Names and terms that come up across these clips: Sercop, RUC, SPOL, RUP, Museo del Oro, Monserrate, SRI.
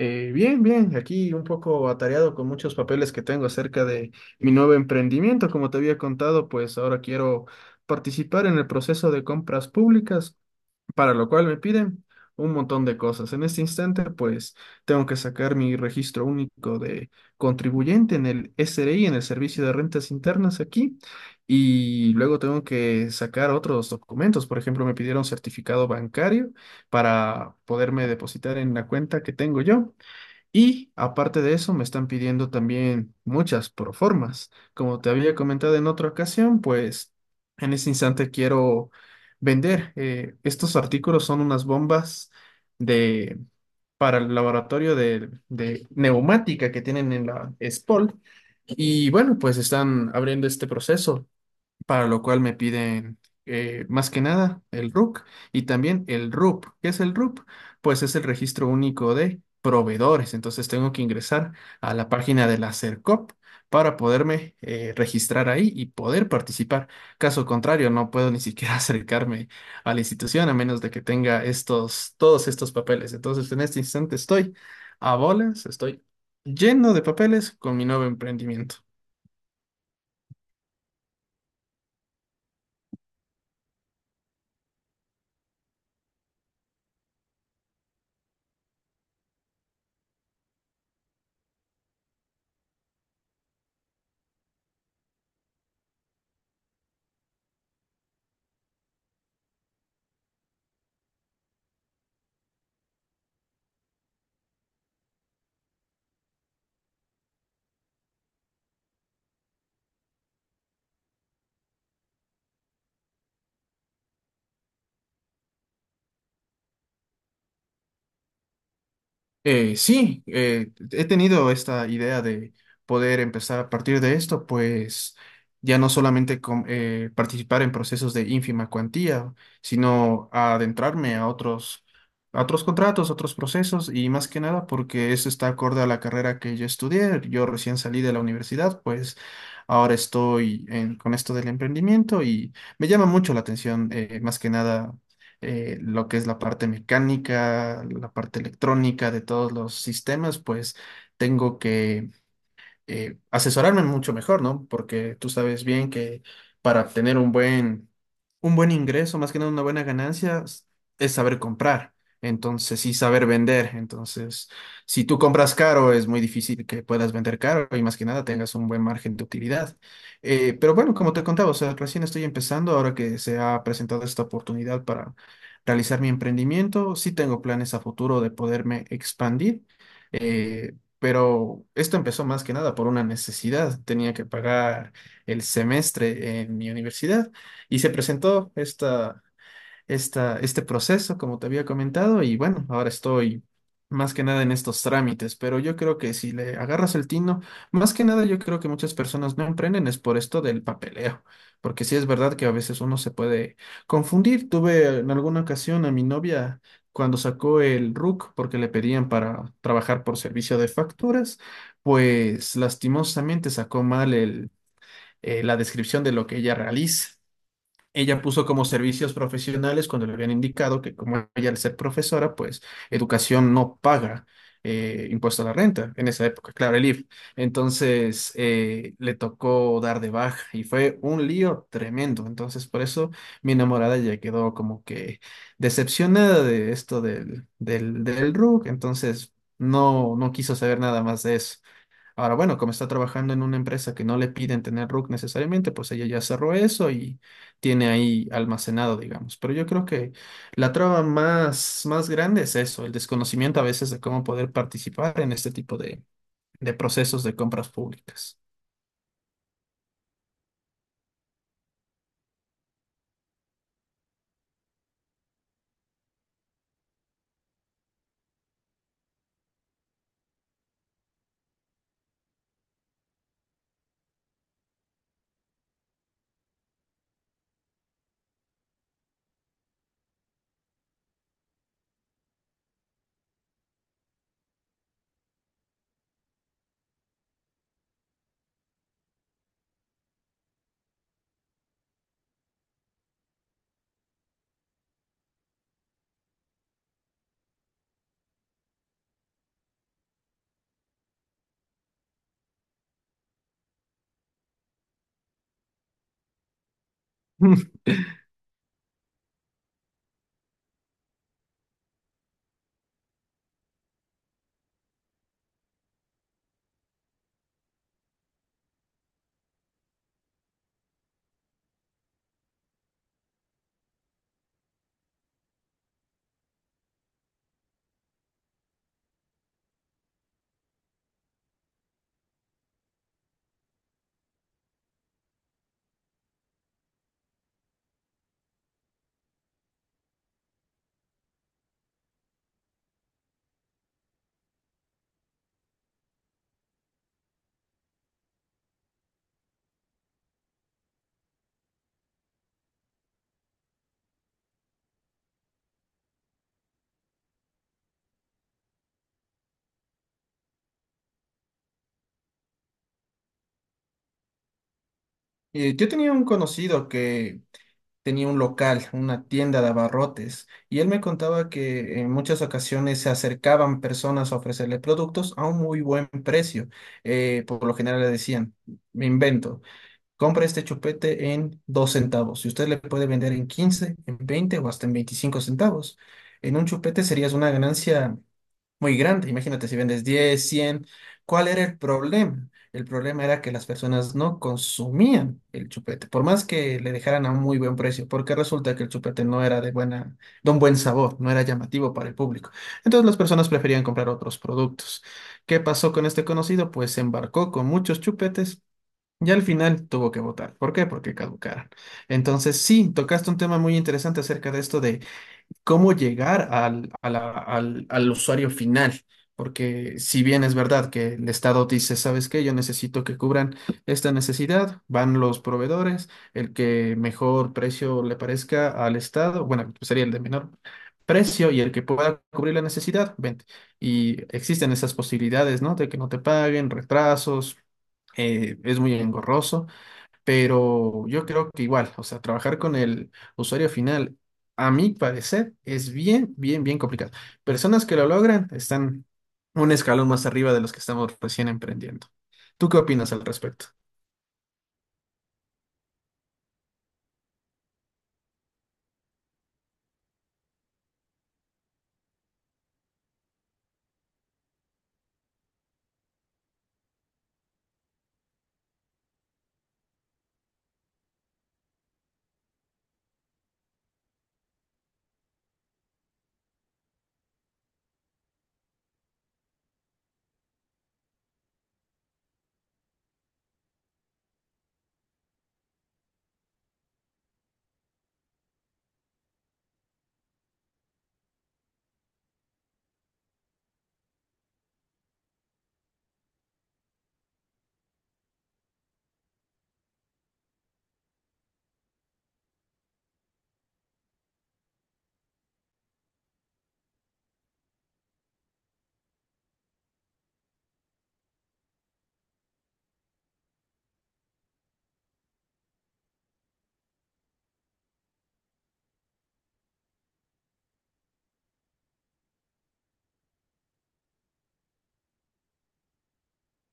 Bien, bien, aquí un poco atareado con muchos papeles que tengo acerca de mi nuevo emprendimiento. Como te había contado, pues ahora quiero participar en el proceso de compras públicas, para lo cual me piden un montón de cosas. En este instante, pues tengo que sacar mi registro único de contribuyente en el SRI, en el Servicio de Rentas Internas aquí, y luego tengo que sacar otros documentos. Por ejemplo, me pidieron certificado bancario para poderme depositar en la cuenta que tengo yo. Y aparte de eso, me están pidiendo también muchas proformas. Como te había comentado en otra ocasión, pues en este instante quiero vender. Estos artículos son unas bombas de, para el laboratorio de neumática que tienen en la SPOL. Y bueno, pues están abriendo este proceso para lo cual me piden más que nada el RUC y también el RUP. ¿Qué es el RUP? Pues es el registro único de proveedores. Entonces tengo que ingresar a la página de la Sercop para poderme registrar ahí y poder participar. Caso contrario, no puedo ni siquiera acercarme a la institución a menos de que tenga todos estos papeles. Entonces en este instante estoy a bolas, estoy lleno de papeles con mi nuevo emprendimiento. Sí, he tenido esta idea de poder empezar a partir de esto, pues ya no solamente participar en procesos de ínfima cuantía, sino a adentrarme a a otros contratos, otros procesos y más que nada porque eso está acorde a la carrera que yo estudié. Yo recién salí de la universidad, pues ahora estoy con esto del emprendimiento y me llama mucho la atención, más que nada lo que es la parte mecánica, la parte electrónica de todos los sistemas, pues tengo que asesorarme mucho mejor, ¿no? Porque tú sabes bien que para obtener un buen ingreso, más que nada una buena ganancia, es saber comprar. Entonces, sí, saber vender. Entonces, si tú compras caro, es muy difícil que puedas vender caro y más que nada tengas un buen margen de utilidad. Pero bueno, como te contaba, o sea, recién estoy empezando, ahora que se ha presentado esta oportunidad para realizar mi emprendimiento, sí tengo planes a futuro de poderme expandir. Eh, pero esto empezó más que nada por una necesidad. Tenía que pagar el semestre en mi universidad y se presentó este proceso, como te había comentado, y bueno, ahora estoy más que nada en estos trámites, pero yo creo que si le agarras el tino, más que nada yo creo que muchas personas no emprenden es por esto del papeleo, porque sí es verdad que a veces uno se puede confundir. Tuve en alguna ocasión a mi novia cuando sacó el RUC porque le pedían para trabajar por servicio de facturas, pues lastimosamente sacó mal la descripción de lo que ella realiza. Ella puso como servicios profesionales cuando le habían indicado que como ella al ser profesora, pues educación no paga impuesto a la renta en esa época, claro, el IF. Entonces le tocó dar de baja y fue un lío tremendo. Entonces por eso mi enamorada ya quedó como que decepcionada de esto del RUC. Entonces no, no quiso saber nada más de eso. Ahora, bueno, como está trabajando en una empresa que no le piden tener RUC necesariamente, pues ella ya cerró eso y tiene ahí almacenado, digamos. Pero yo creo que la traba más, más grande es eso, el desconocimiento a veces de cómo poder participar en este tipo de procesos de compras públicas. Yo tenía un conocido que tenía un local, una tienda de abarrotes, y él me contaba que en muchas ocasiones se acercaban personas a ofrecerle productos a un muy buen precio. Por lo general le decían, me invento, compra este chupete en 2 centavos. Y usted le puede vender en 15 en 20 o hasta en 25 centavos. En un chupete serías una ganancia muy grande. Imagínate si vendes 10 100. ¿Cuál era el problema? El problema era que las personas no consumían el chupete, por más que le dejaran a un muy buen precio, porque resulta que el chupete no era de un buen sabor, no era llamativo para el público. Entonces las personas preferían comprar otros productos. ¿Qué pasó con este conocido? Pues se embarcó con muchos chupetes. Y al final tuvo que votar. ¿Por qué? Porque caducaron. Entonces, sí, tocaste un tema muy interesante acerca de esto de cómo llegar al, a la- al, al usuario final. Porque si bien es verdad que el Estado dice, ¿sabes qué? Yo necesito que cubran esta necesidad, van los proveedores, el que mejor precio le parezca al Estado, bueno, sería el de menor precio y el que pueda cubrir la necesidad, vente. Y existen esas posibilidades, ¿no? De que no te paguen, retrasos, es muy engorroso. Pero yo creo que igual, o sea, trabajar con el usuario final, a mi parecer, es bien, bien, bien complicado. Personas que lo logran están un escalón más arriba de los que estamos recién emprendiendo. ¿Tú qué opinas al respecto?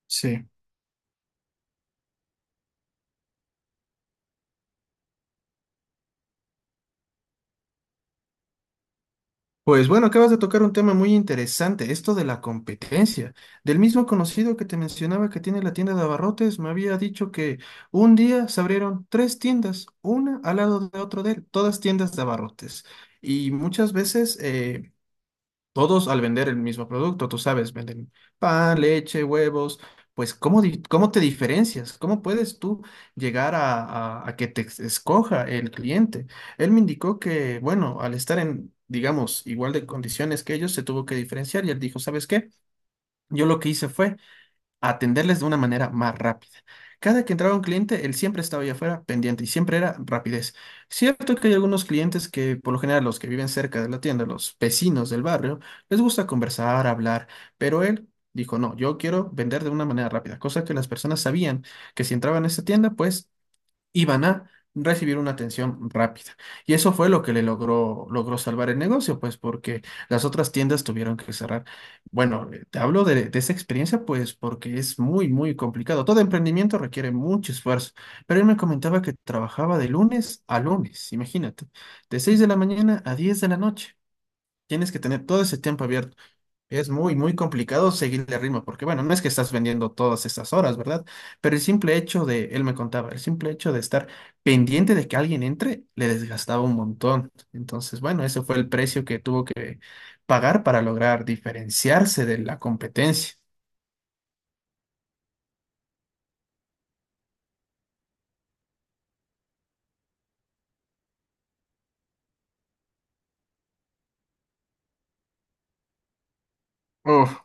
Sí. Pues bueno, acabas de tocar un tema muy interesante, esto de la competencia. Del mismo conocido que te mencionaba que tiene la tienda de abarrotes, me había dicho que un día se abrieron tres tiendas, una al lado de otro de él, todas tiendas de abarrotes. Y muchas veces, todos al vender el mismo producto, tú sabes, venden pan, leche, huevos, pues ¿cómo te diferencias? ¿Cómo puedes tú llegar a que te escoja el cliente? Él me indicó que, bueno, al estar en, digamos, igual de condiciones que ellos, se tuvo que diferenciar y él dijo, ¿sabes qué? Yo lo que hice fue a atenderles de una manera más rápida. Cada que entraba un cliente, él siempre estaba allá afuera pendiente y siempre era rapidez. Cierto que hay algunos clientes que, por lo general, los que viven cerca de la tienda, los vecinos del barrio, les gusta conversar, hablar, pero él dijo, no, yo quiero vender de una manera rápida, cosa que las personas sabían que si entraban a esta tienda, pues iban a recibir una atención rápida. Y eso fue lo que le logró salvar el negocio, pues porque las otras tiendas tuvieron que cerrar. Bueno, te hablo de esa experiencia, pues porque es muy, muy complicado. Todo emprendimiento requiere mucho esfuerzo, pero él me comentaba que trabajaba de lunes a lunes, imagínate, de 6 de la mañana a 10 de la noche. Tienes que tener todo ese tiempo abierto. Es muy, muy complicado seguirle el ritmo, porque bueno, no es que estás vendiendo todas estas horas, ¿verdad? Pero el simple hecho de, él me contaba, el simple hecho de estar pendiente de que alguien entre, le desgastaba un montón. Entonces, bueno, ese fue el precio que tuvo que pagar para lograr diferenciarse de la competencia. Uf,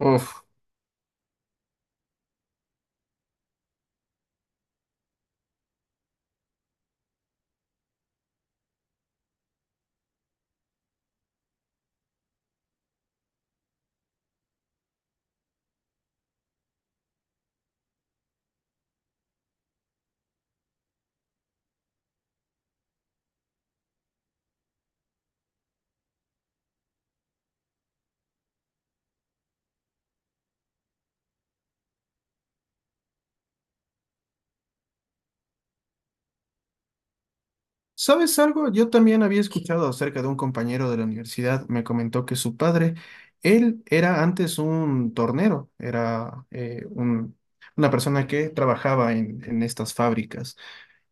uf. ¿Sabes algo? Yo también había escuchado acerca de un compañero de la universidad, me comentó que su padre, él era antes un tornero, era una persona que trabajaba en estas fábricas.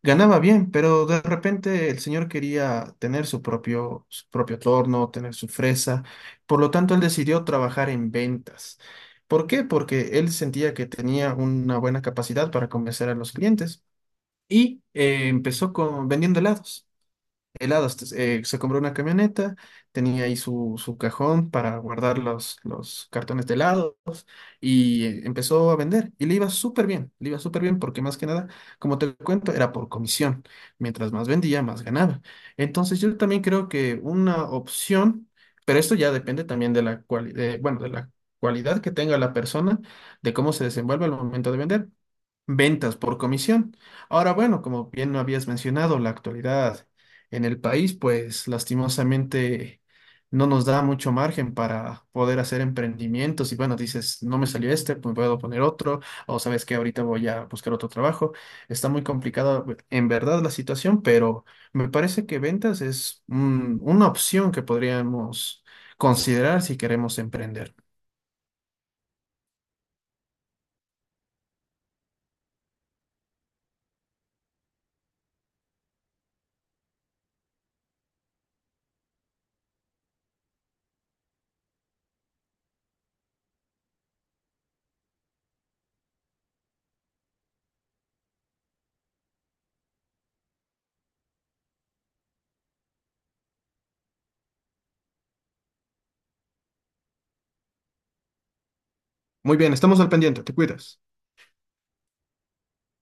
Ganaba bien, pero de repente el señor quería tener su propio torno, tener su fresa, por lo tanto él decidió trabajar en ventas. ¿Por qué? Porque él sentía que tenía una buena capacidad para convencer a los clientes y empezó vendiendo helados. Entonces, se compró una camioneta, tenía ahí su cajón para guardar los cartones de helados y empezó a vender. Y le iba súper bien, le iba súper bien porque más que nada, como te cuento, era por comisión. Mientras más vendía, más ganaba. Entonces yo también creo que una opción, pero esto ya depende también de la cualidad, bueno, de la cualidad que tenga la persona, de cómo se desenvuelve al momento de vender. Ventas por comisión. Ahora, bueno, como bien lo habías mencionado, la actualidad en el país, pues lastimosamente no nos da mucho margen para poder hacer emprendimientos. Y bueno, dices, no me salió este, pues puedo poner otro, o sabes que ahorita voy a buscar otro trabajo. Está muy complicada en verdad la situación, pero me parece que ventas es una opción que podríamos considerar si queremos emprender. Muy bien, estamos al pendiente, te cuidas.